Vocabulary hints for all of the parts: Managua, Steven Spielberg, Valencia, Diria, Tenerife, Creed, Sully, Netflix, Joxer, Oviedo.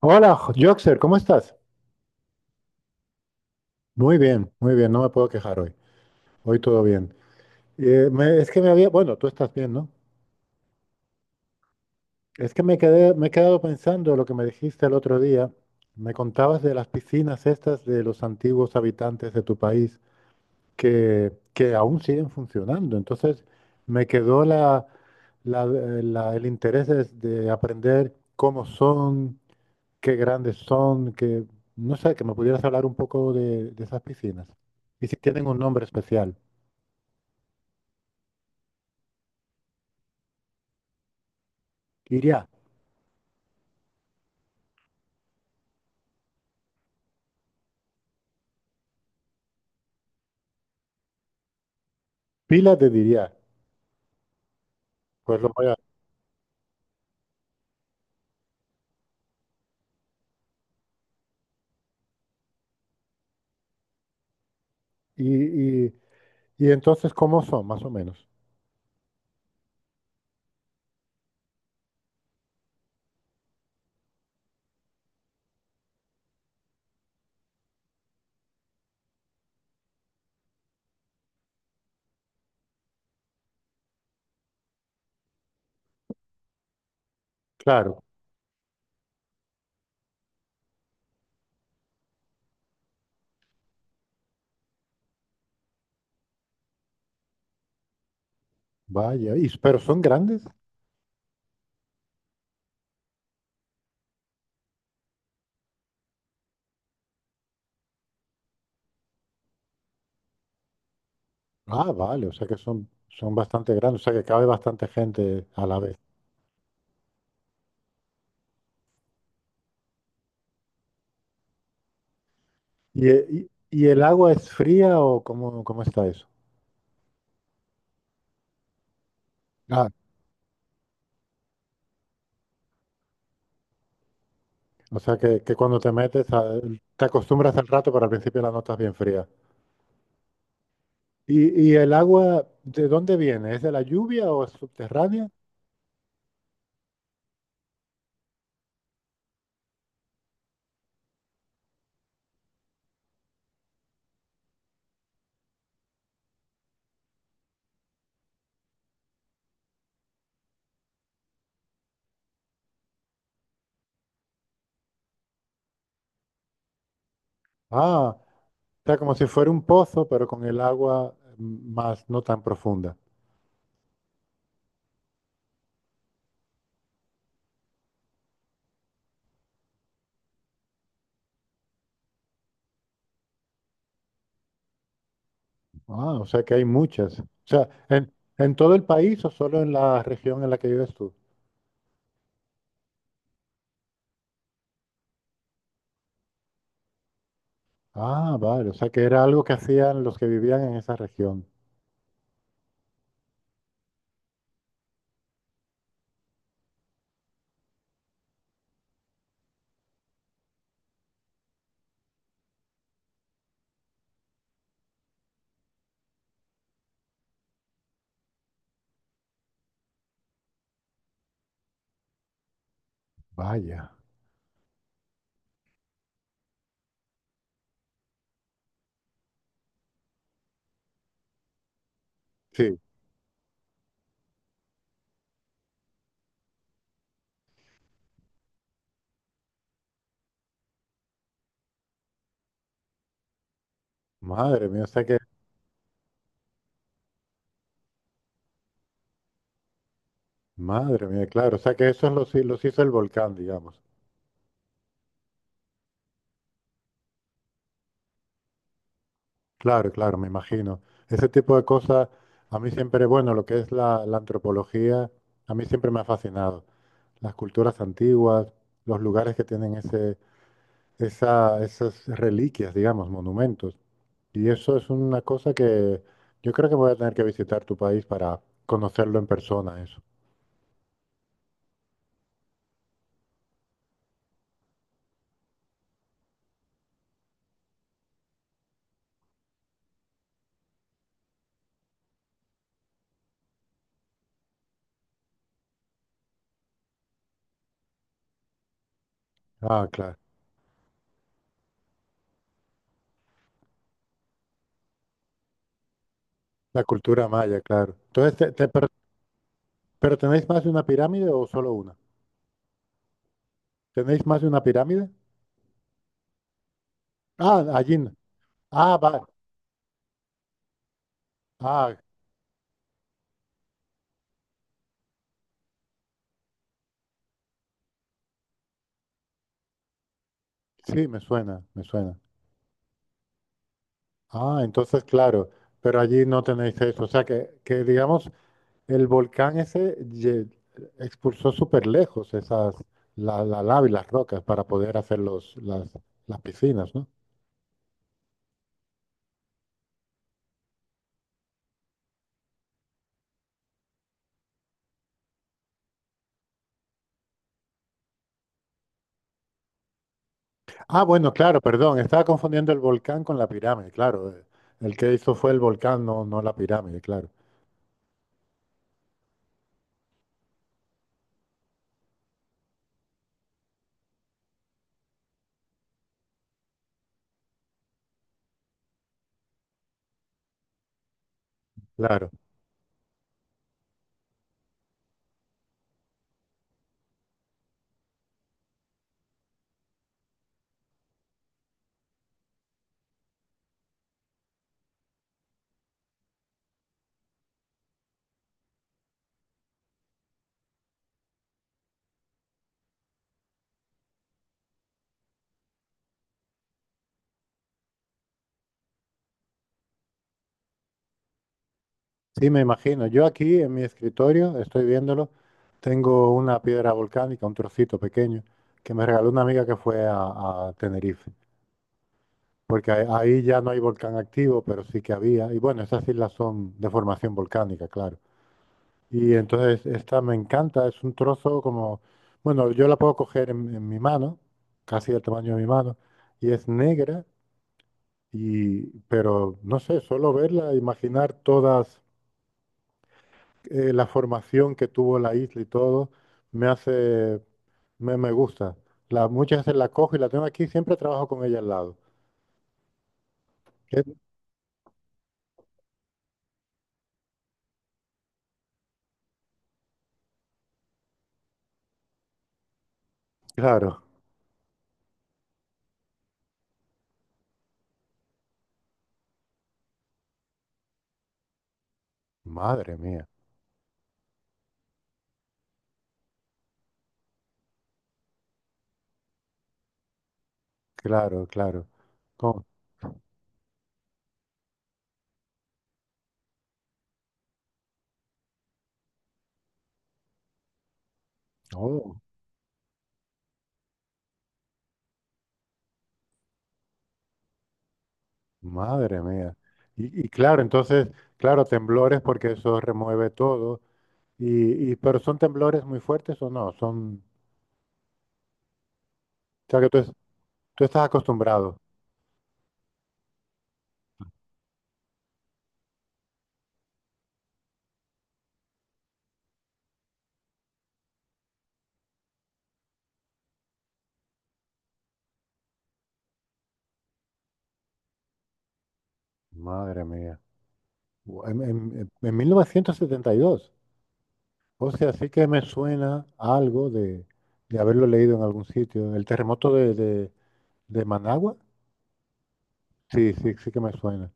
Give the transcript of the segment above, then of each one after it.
Hola, Joxer, ¿cómo estás? Muy bien, no me puedo quejar hoy. Hoy todo bien. Es que me había, bueno, tú estás bien, ¿no? Es que me he quedado pensando lo que me dijiste el otro día. Me contabas de las piscinas estas de los antiguos habitantes de tu país que aún siguen funcionando. Entonces, me quedó el interés de aprender cómo son, qué grandes son, que no sé, que me pudieras hablar un poco de esas piscinas. Y si tienen un nombre especial. Iria, pila de Diria. Pues lo voy a... Y, y, y entonces, ¿cómo son, más o menos? Claro, vaya. Y, pero son grandes. Ah, vale, o sea que son, son bastante grandes, o sea que cabe bastante gente a la vez. ¿ Y el agua es fría o cómo, cómo está eso? Ah, o sea que cuando te te acostumbras al rato, pero al principio la notas bien fría. Y el agua de dónde viene? ¿Es de la lluvia o es subterránea? Ah, o sea, como si fuera un pozo, pero con el agua más no tan profunda. Ah, o sea que hay muchas. O sea, ¿ en todo el país o solo en la región en la que vives tú? Ah, vale, o sea que era algo que hacían los que vivían en esa región. Vaya. Sí, madre mía, o sea que, madre mía, claro, o sea que eso los hizo el volcán, digamos. Claro, claro, me imagino. Ese tipo de cosas, a mí siempre, bueno, lo que es la antropología, a mí siempre me ha fascinado. Las culturas antiguas, los lugares que tienen esas reliquias, digamos, monumentos. Y eso es una cosa que yo creo que voy a tener que visitar tu país para conocerlo en persona, eso. Ah, claro. La cultura maya, claro. Entonces, pero ¿tenéis más de una pirámide o solo una? ¿Tenéis más de una pirámide? Ah, allí. No. Ah, va. Ah, sí, me suena, me suena. Ah, entonces, claro, pero allí no tenéis eso. O sea, que digamos, el expulsó súper lejos esas, la lava y las rocas para poder hacer las piscinas, ¿no? Ah, bueno, claro, perdón, estaba confundiendo el volcán con la pirámide, claro. El que hizo fue el volcán, no, no la pirámide, claro. Claro. Sí, me imagino. Yo aquí en mi escritorio, estoy viéndolo, tengo una piedra volcánica, un trocito pequeño, que me regaló una amiga que fue a Tenerife, porque ahí ya no hay volcán activo, pero sí que había. Y bueno, esas islas son de formación volcánica, claro. Y entonces esta me encanta, es un trozo como, bueno, yo la puedo coger en mi mano, casi del tamaño de mi mano, y es negra, y, pero no sé, solo verla, imaginar todas la formación que tuvo la isla y todo, me hace, me gusta. La, muchas veces la cojo y la tengo aquí, siempre trabajo con ella al lado. Eh, Claro, madre mía, claro, claro. Con- oh, madre mía. Y claro, entonces, claro, temblores porque eso remueve todo. Pero ¿son temblores muy fuertes o no? Son, o sea que tú estás acostumbrado. Madre mía. En 1972 o sea, sí que me suena a algo de haberlo leído en algún sitio. El terremoto de Managua, sí, sí, sí que me suena.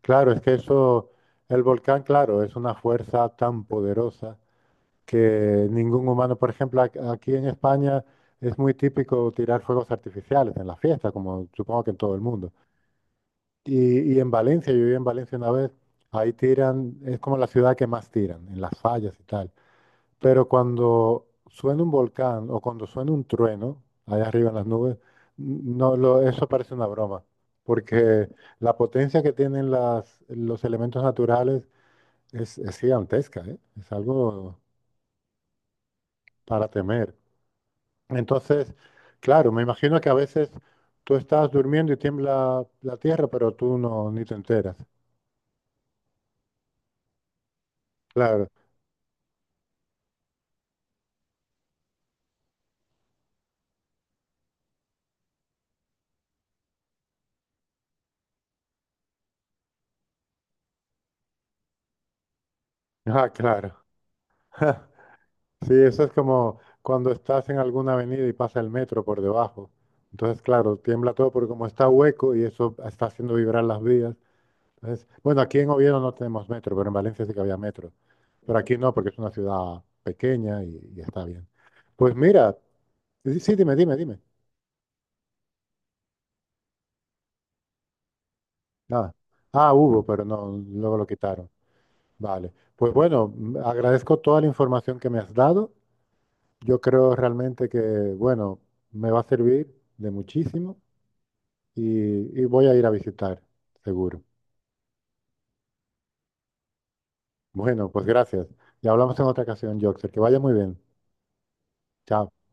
Claro, es que eso, el volcán, claro, es una fuerza tan poderosa que ningún humano, por ejemplo, aquí en España es muy típico tirar fuegos artificiales en la fiesta, como supongo que en todo el mundo. Y en Valencia, yo viví en Valencia una vez, ahí tiran, es como la ciudad que más tiran, en las fallas y tal. Pero cuando suena un volcán o cuando suena un trueno allá arriba en las nubes, n- no lo, eso parece una broma, porque la potencia que tienen los elementos naturales es gigantesca, ¿eh? Es algo para temer. Entonces, claro, me imagino que a veces tú estás durmiendo y tiembla la tierra, pero tú no ni te enteras. Claro, ah, claro. Sí, eso es como cuando estás en alguna avenida y pasa el metro por debajo. Entonces, claro, tiembla todo porque como está hueco y eso está haciendo vibrar las vías. Entonces, bueno, aquí en Oviedo no tenemos metro, pero en Valencia sí que había metro. Pero aquí no, porque es una ciudad pequeña y está bien. Pues mira, sí, sí, dime, dime, dime. Nada. Ah, hubo, pero no, luego lo quitaron. Vale. Pues bueno, agradezco toda la información que me has dado. Yo creo realmente que, bueno, me va a servir de muchísimo. Y voy a ir a visitar, seguro. Bueno, pues gracias. Y hablamos en otra ocasión, Joxer. Que vaya muy bien. Chao.